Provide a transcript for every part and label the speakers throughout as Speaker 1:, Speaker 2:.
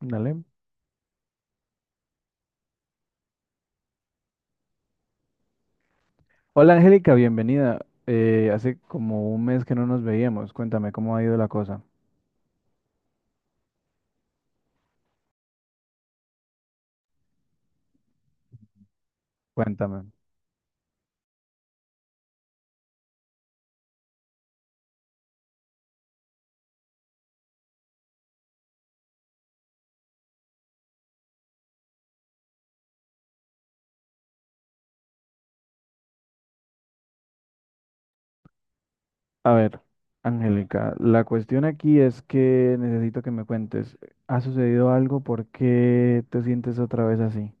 Speaker 1: Dale. Hola Angélica, bienvenida. Hace como un mes que no nos veíamos. Cuéntame cómo ha ido la cosa. Cuéntame. A ver, Angélica, la cuestión aquí es que necesito que me cuentes. ¿Ha sucedido algo? ¿Por qué te sientes otra vez así?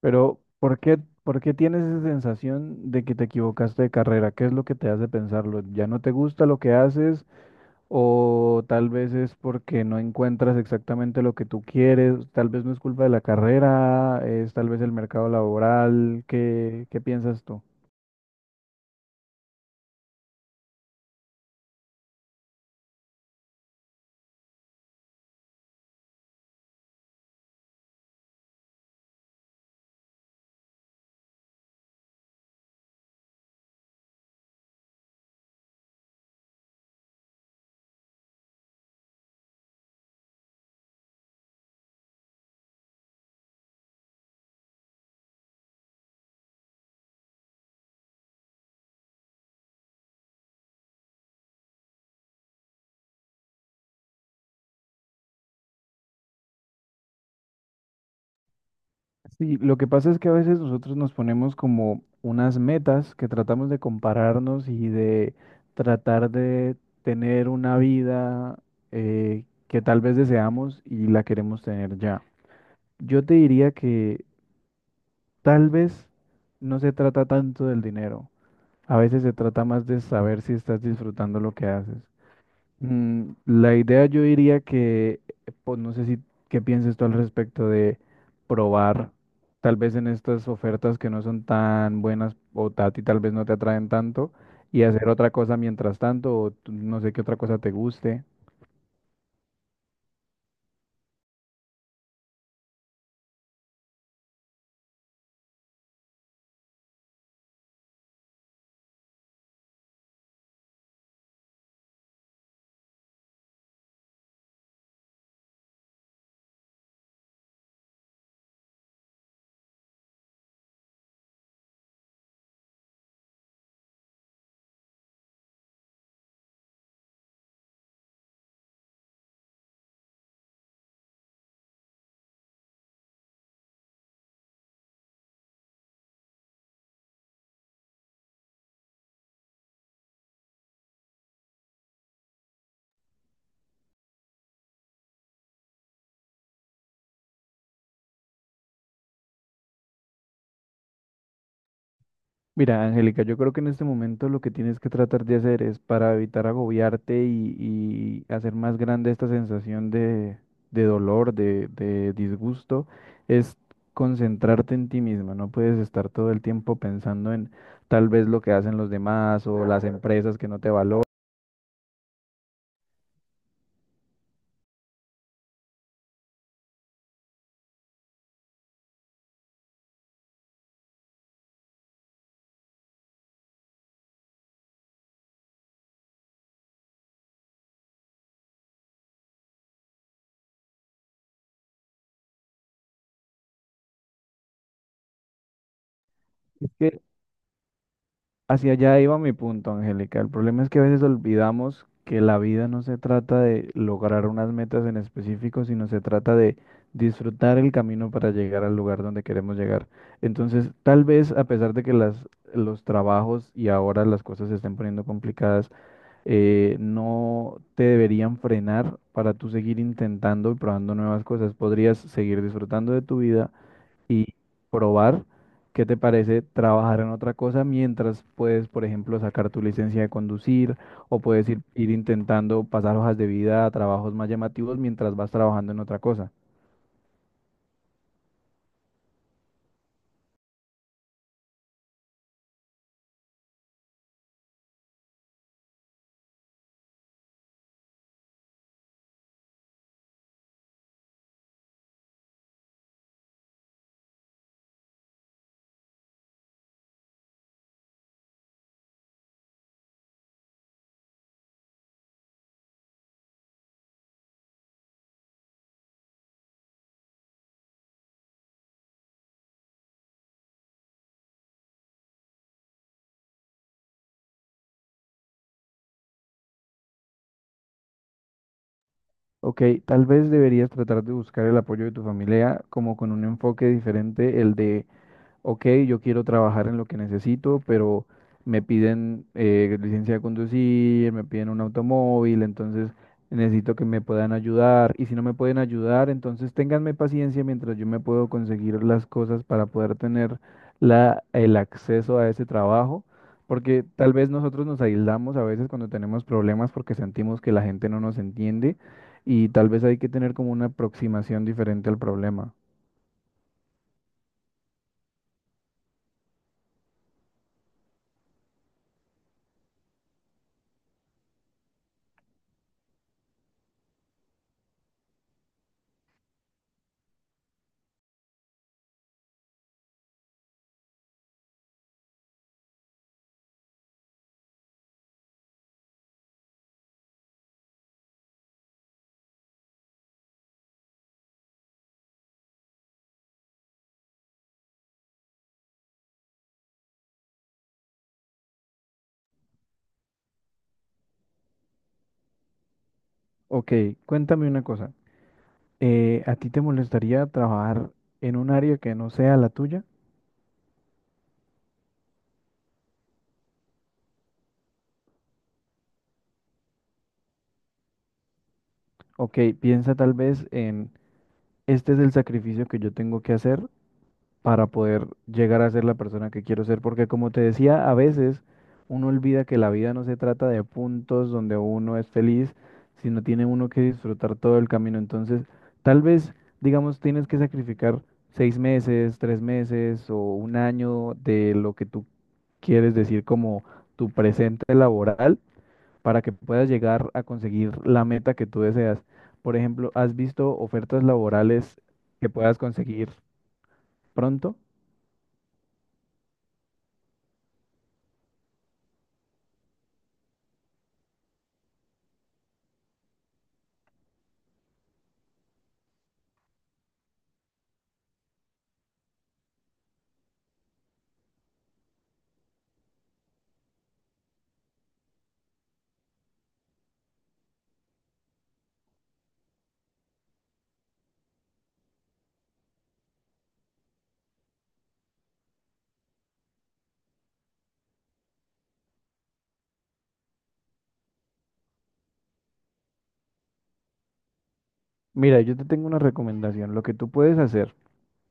Speaker 1: Pero, ¿por qué tienes esa sensación de que te equivocaste de carrera? ¿Qué es lo que te hace pensarlo? ¿Ya no te gusta lo que haces? O tal vez es porque no encuentras exactamente lo que tú quieres, tal vez no es culpa de la carrera, es tal vez el mercado laboral, ¿qué piensas tú? Sí, lo que pasa es que a veces nosotros nos ponemos como unas metas que tratamos de compararnos y de tratar de tener una vida que tal vez deseamos y la queremos tener ya. Yo te diría que tal vez no se trata tanto del dinero. A veces se trata más de saber si estás disfrutando lo que haces. La idea yo diría que, pues no sé si qué pienses tú al respecto de probar, tal vez en estas ofertas que no son tan buenas o a ti tal vez no te atraen tanto, y hacer otra cosa mientras tanto, o no sé qué otra cosa te guste. Mira, Angélica, yo creo que en este momento lo que tienes que tratar de hacer es para evitar agobiarte y hacer más grande esta sensación de dolor, de disgusto, es concentrarte en ti misma. No puedes estar todo el tiempo pensando en tal vez lo que hacen los demás o las empresas que no te valoran. Es que. Hacia allá iba mi punto, Angélica. El problema es que a veces olvidamos que la vida no se trata de lograr unas metas en específico, sino se trata de disfrutar el camino para llegar al lugar donde queremos llegar. Entonces, tal vez a pesar de que los trabajos y ahora las cosas se estén poniendo complicadas, no te deberían frenar para tú seguir intentando y probando nuevas cosas. Podrías seguir disfrutando de tu vida y probar qué te parece trabajar en otra cosa mientras puedes, por ejemplo, sacar tu licencia de conducir o puedes ir intentando pasar hojas de vida a trabajos más llamativos mientras vas trabajando en otra cosa. Ok, tal vez deberías tratar de buscar el apoyo de tu familia como con un enfoque diferente, el de ok, yo quiero trabajar en lo que necesito, pero me piden licencia de conducir, me piden un automóvil, entonces necesito que me puedan ayudar. Y si no me pueden ayudar, entonces ténganme paciencia mientras yo me puedo conseguir las cosas para poder tener el acceso a ese trabajo. Porque tal vez nosotros nos aislamos a veces cuando tenemos problemas porque sentimos que la gente no nos entiende y tal vez hay que tener como una aproximación diferente al problema. Ok, cuéntame una cosa. ¿ A ti te molestaría trabajar en un área que no sea la tuya? Ok, piensa tal vez este es el sacrificio que yo tengo que hacer para poder llegar a ser la persona que quiero ser, porque como te decía, a veces uno olvida que la vida no se trata de puntos donde uno es feliz, sino tiene uno que disfrutar todo el camino. Entonces, tal vez, digamos, tienes que sacrificar 6 meses, 3 meses o un año de lo que tú quieres decir como tu presente laboral para que puedas llegar a conseguir la meta que tú deseas. Por ejemplo, ¿has visto ofertas laborales que puedas conseguir pronto? Mira, yo te tengo una recomendación. Lo que tú puedes hacer,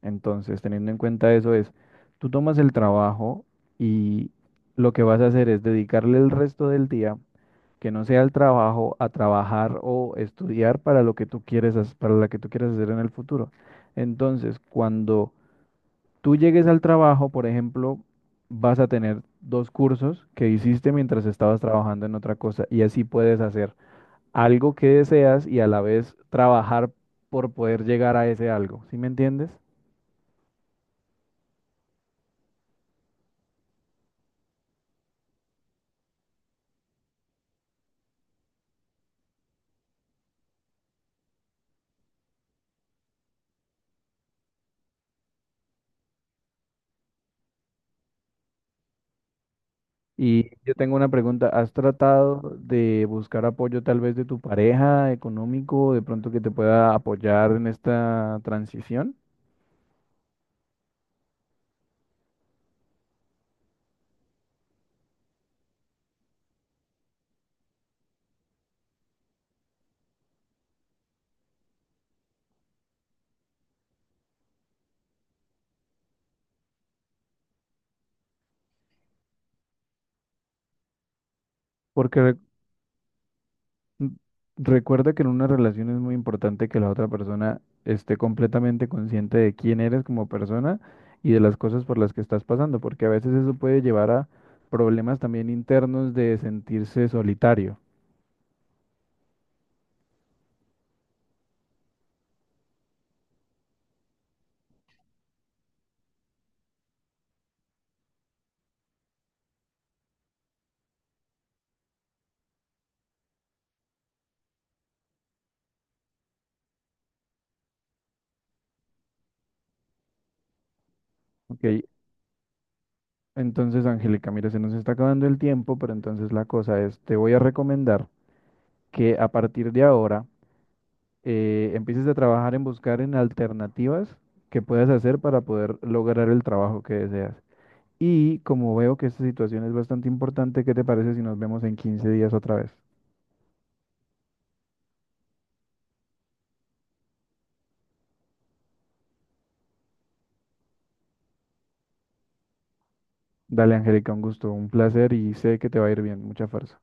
Speaker 1: entonces, teniendo en cuenta eso, es tú tomas el trabajo y lo que vas a hacer es dedicarle el resto del día, que no sea el trabajo, a trabajar o estudiar para lo que tú quieres, para la que tú quieres hacer en el futuro. Entonces, cuando tú llegues al trabajo, por ejemplo, vas a tener dos cursos que hiciste mientras estabas trabajando en otra cosa y así puedes hacer algo que deseas y a la vez trabajar por poder llegar a ese algo, ¿sí me entiendes? Y yo tengo una pregunta, ¿has tratado de buscar apoyo tal vez de tu pareja económico, de pronto que te pueda apoyar en esta transición? Porque re- Mm, Recuerda que en una relación es muy importante que la otra persona esté completamente consciente de quién eres como persona y de las cosas por las que estás pasando, porque a veces eso puede llevar a problemas también internos de sentirse solitario. Ok, entonces Angélica, mira, se nos está acabando el tiempo, pero entonces la cosa es, te voy a recomendar que a partir de ahora empieces a trabajar en buscar en alternativas que puedas hacer para poder lograr el trabajo que deseas. Y como veo que esta situación es bastante importante, ¿qué te parece si nos vemos en 15 días otra vez? Dale, Angélica, un gusto, un placer y sé que te va a ir bien. Mucha fuerza.